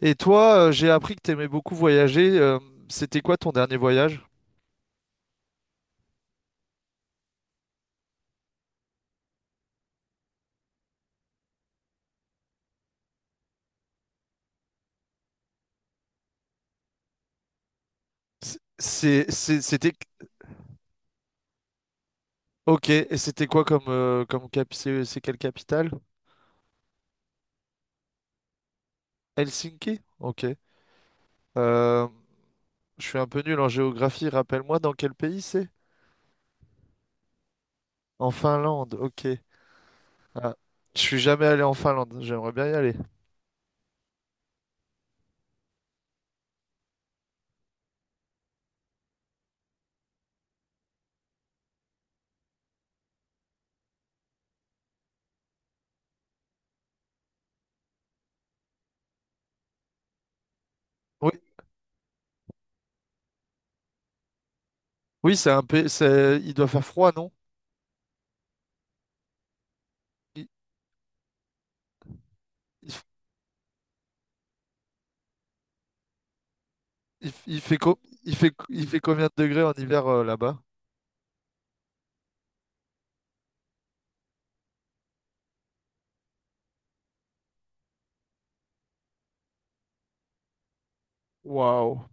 Et toi, j'ai appris que t'aimais beaucoup voyager. C'était quoi ton dernier voyage? C'est, c'était... Ok, et c'était quoi comme, comme cap... C'est quelle capitale? Helsinki? Ok. Euh, je suis un peu nul en géographie, rappelle-moi dans quel pays c'est? En Finlande, ok. Ah, je suis jamais allé en Finlande, j'aimerais bien y aller. Oui, oui, c'est un pays, c'est... Il doit faire froid, non? Il, il f- il f- il fait co- il fait combien de degrés en hiver là-bas? Waouh.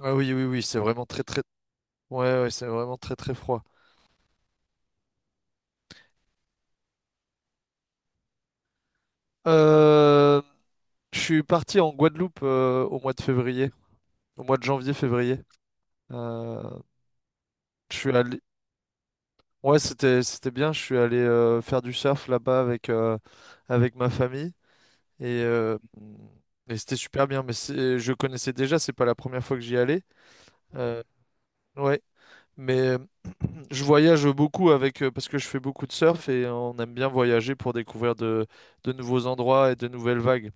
Ah oui, oui, oui, c'est vraiment très, très. Ouais, ouais, c'est vraiment très très froid. Euh, je suis parti en Guadeloupe au mois de février, au mois de janvier-février. Euh, je suis allé, ouais, c'était bien. Je suis allé faire du surf là-bas avec avec ma famille et, euh, et c'était super bien. Mais je connaissais déjà, c'est pas la première fois que j'y allais. Euh, ouais, mais je voyage beaucoup avec parce que je fais beaucoup de surf et on aime bien voyager pour découvrir de nouveaux endroits et de nouvelles vagues.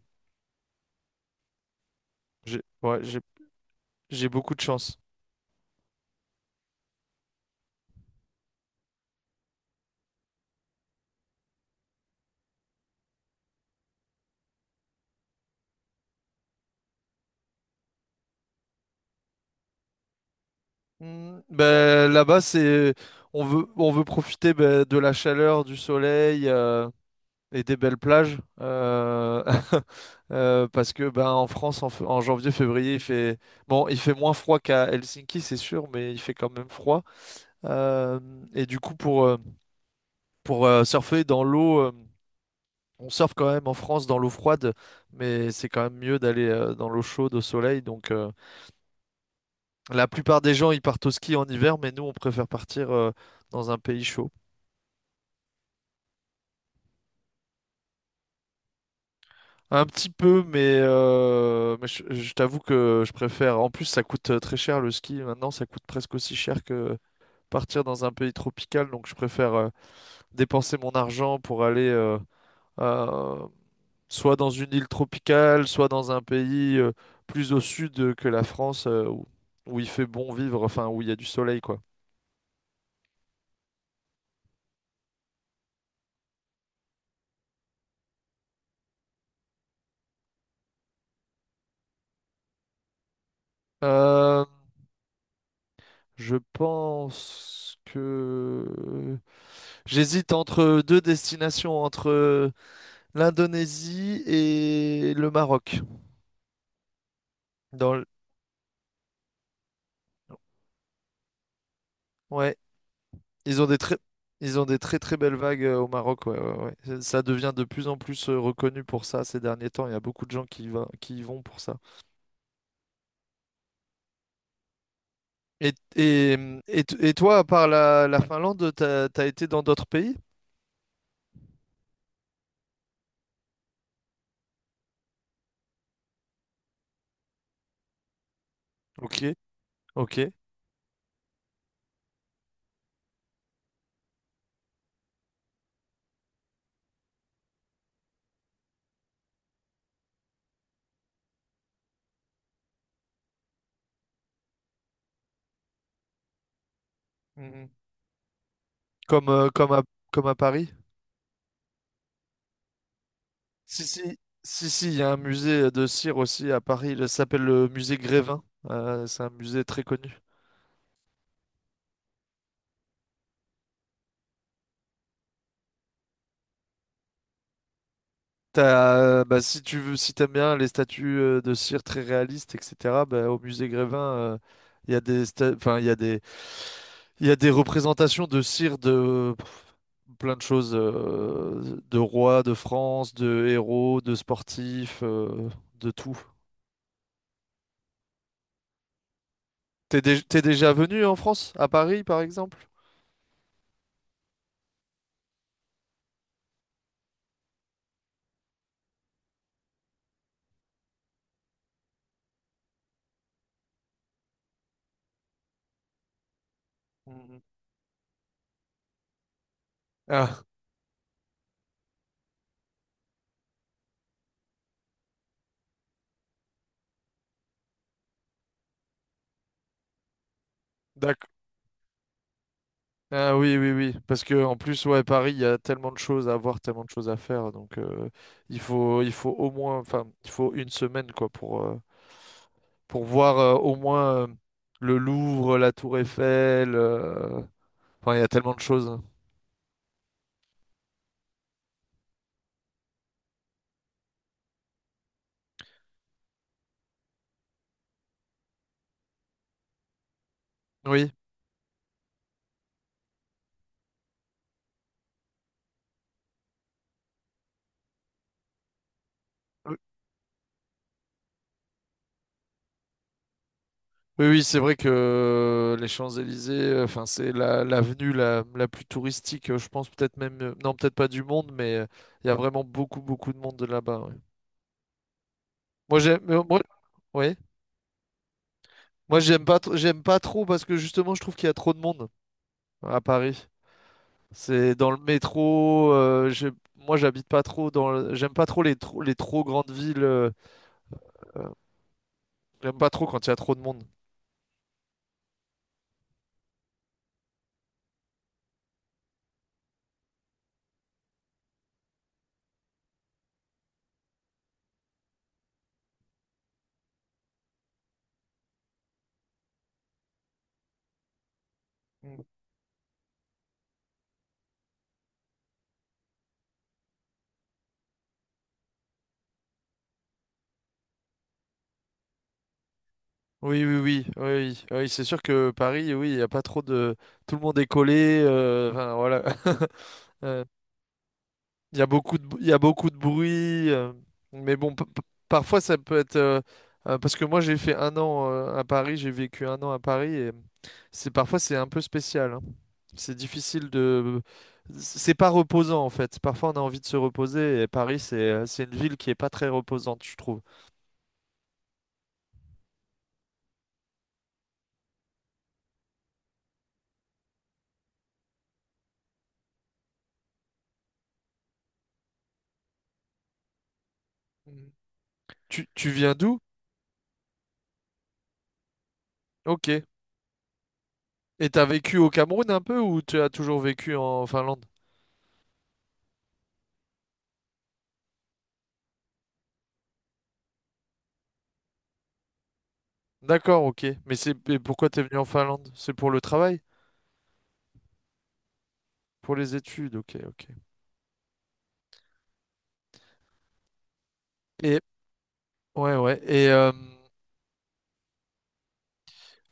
J'ai ouais, j'ai beaucoup de chance. Mm, ben, là-bas, c'est on veut profiter ben, de la chaleur, du soleil et des belles plages parce que ben en France en janvier, février, il fait bon, il fait moins froid qu'à Helsinki, c'est sûr, mais il fait quand même froid. Euh, et du coup, pour surfer dans l'eau, on surfe quand même en France dans l'eau froide, mais c'est quand même mieux d'aller dans l'eau chaude au soleil, donc. La plupart des gens, ils partent au ski en hiver, mais nous, on préfère partir dans un pays chaud. Un petit peu, mais je t'avoue que je préfère. En plus, ça coûte très cher le ski. Maintenant, ça coûte presque aussi cher que partir dans un pays tropical. Donc, je préfère dépenser mon argent pour aller euh, soit dans une île tropicale, soit dans un pays plus au sud que la France, où il fait bon vivre, enfin, où il y a du soleil, quoi. Euh, Je pense que j'hésite entre deux destinations, entre l'Indonésie et le Maroc. Dans le- Ouais, ils ont des très... ils ont des très très belles vagues au Maroc. Ouais, ouais, ouais. Ça devient de plus en plus reconnu pour ça ces derniers temps. Il y a beaucoup de gens qui y vont pour ça. Et, et toi, à part la Finlande, t'as été dans d'autres pays? Ok, ok. Mhm. Comme, comme à Paris? Si, si, si, si, il y a un musée de cire aussi à Paris, il s'appelle le musée Grévin. C'est un musée très connu. T'as, bah, si tu veux, si t'aimes bien les statues de cire très réalistes, etc., bah, au musée Grévin, il y a des, il y a des représentations de cire de pff, plein de choses, de rois, de France, de héros, de sportifs, de tout. T'es déjà venu en France, à Paris, par exemple? Mhm. Ah, d'accord. Ah oui, oui, oui. Parce que en plus, ouais, Paris, il y a tellement de choses à voir, tellement de choses à faire. Donc, il faut au moins, enfin, il faut une semaine, quoi, pour voir au moins le Louvre, la Tour Eiffel. Enfin, il y a tellement de choses. Oui. Oui, oui, oui, c'est vrai que les Champs-Élysées, enfin, c'est l'avenue la plus touristique, je pense, peut-être même, non, peut-être pas du monde, mais il y a vraiment beaucoup, beaucoup de monde de là-bas. Ouais. Moi, j'ai, mais moi, oui. Moi, j'aime pas, j'aime pas trop parce que justement, je trouve qu'il y a trop de monde à Paris. C'est dans le métro. Moi, j'habite pas trop dans. J'aime pas trop les trop grandes villes. Euh, J'aime pas trop quand il y a trop de monde. Oui, oui, oui, oui, oui. Oui, c'est sûr que Paris, oui, il y a pas trop de. Tout le monde est collé. Euh, enfin, voilà. Euh, Il y a beaucoup de, il y a beaucoup de bruit. Mais bon, parfois, ça peut être. Parce que moi, j'ai fait un an à Paris. J'ai vécu un an à Paris et c'est un peu spécial, hein. C'est difficile de. C'est pas reposant en fait. Parfois on a envie de se reposer et Paris c'est une ville qui est pas très reposante, je trouve. Mhm. Tu viens d'où? Ok. Et t'as vécu au Cameroun un peu ou tu as toujours vécu en Finlande? D'accord, ok. Mais c'est mais pourquoi t'es venu en Finlande? C'est pour le travail? Pour les études, ok, ok. Et ouais, ouais. Et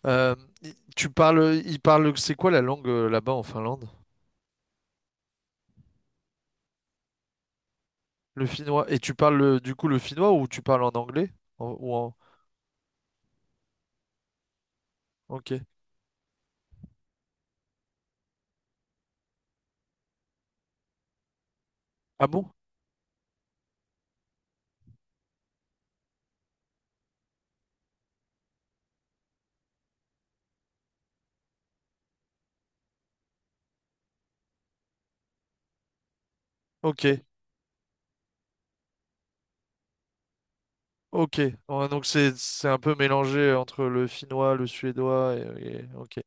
euh, il parle, c'est quoi la langue là-bas en Finlande? Le finnois. Et tu parles du coup le finnois ou tu parles en anglais? Ou en... Ok. Ah bon? Ok, ok. Ouais, donc c'est un peu mélangé entre le finnois, le suédois ok,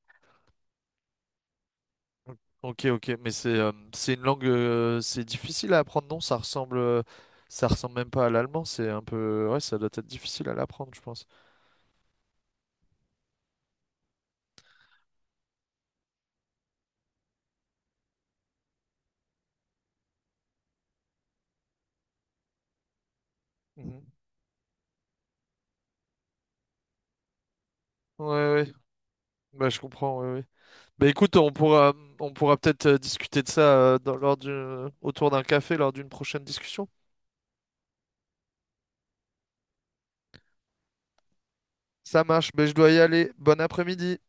ok, ok. Mais c'est une langue, c'est difficile à apprendre, non? Ça ressemble même pas à l'allemand. C'est un peu, ouais, ça doit être difficile à l'apprendre, je pense. Mhm. Ouais, bah, je comprends, oui, oui. Bah, écoute, on pourra peut-être discuter de ça lors du, autour d'un café, lors d'une prochaine discussion. Ça marche, mais je dois y aller. Bon après-midi.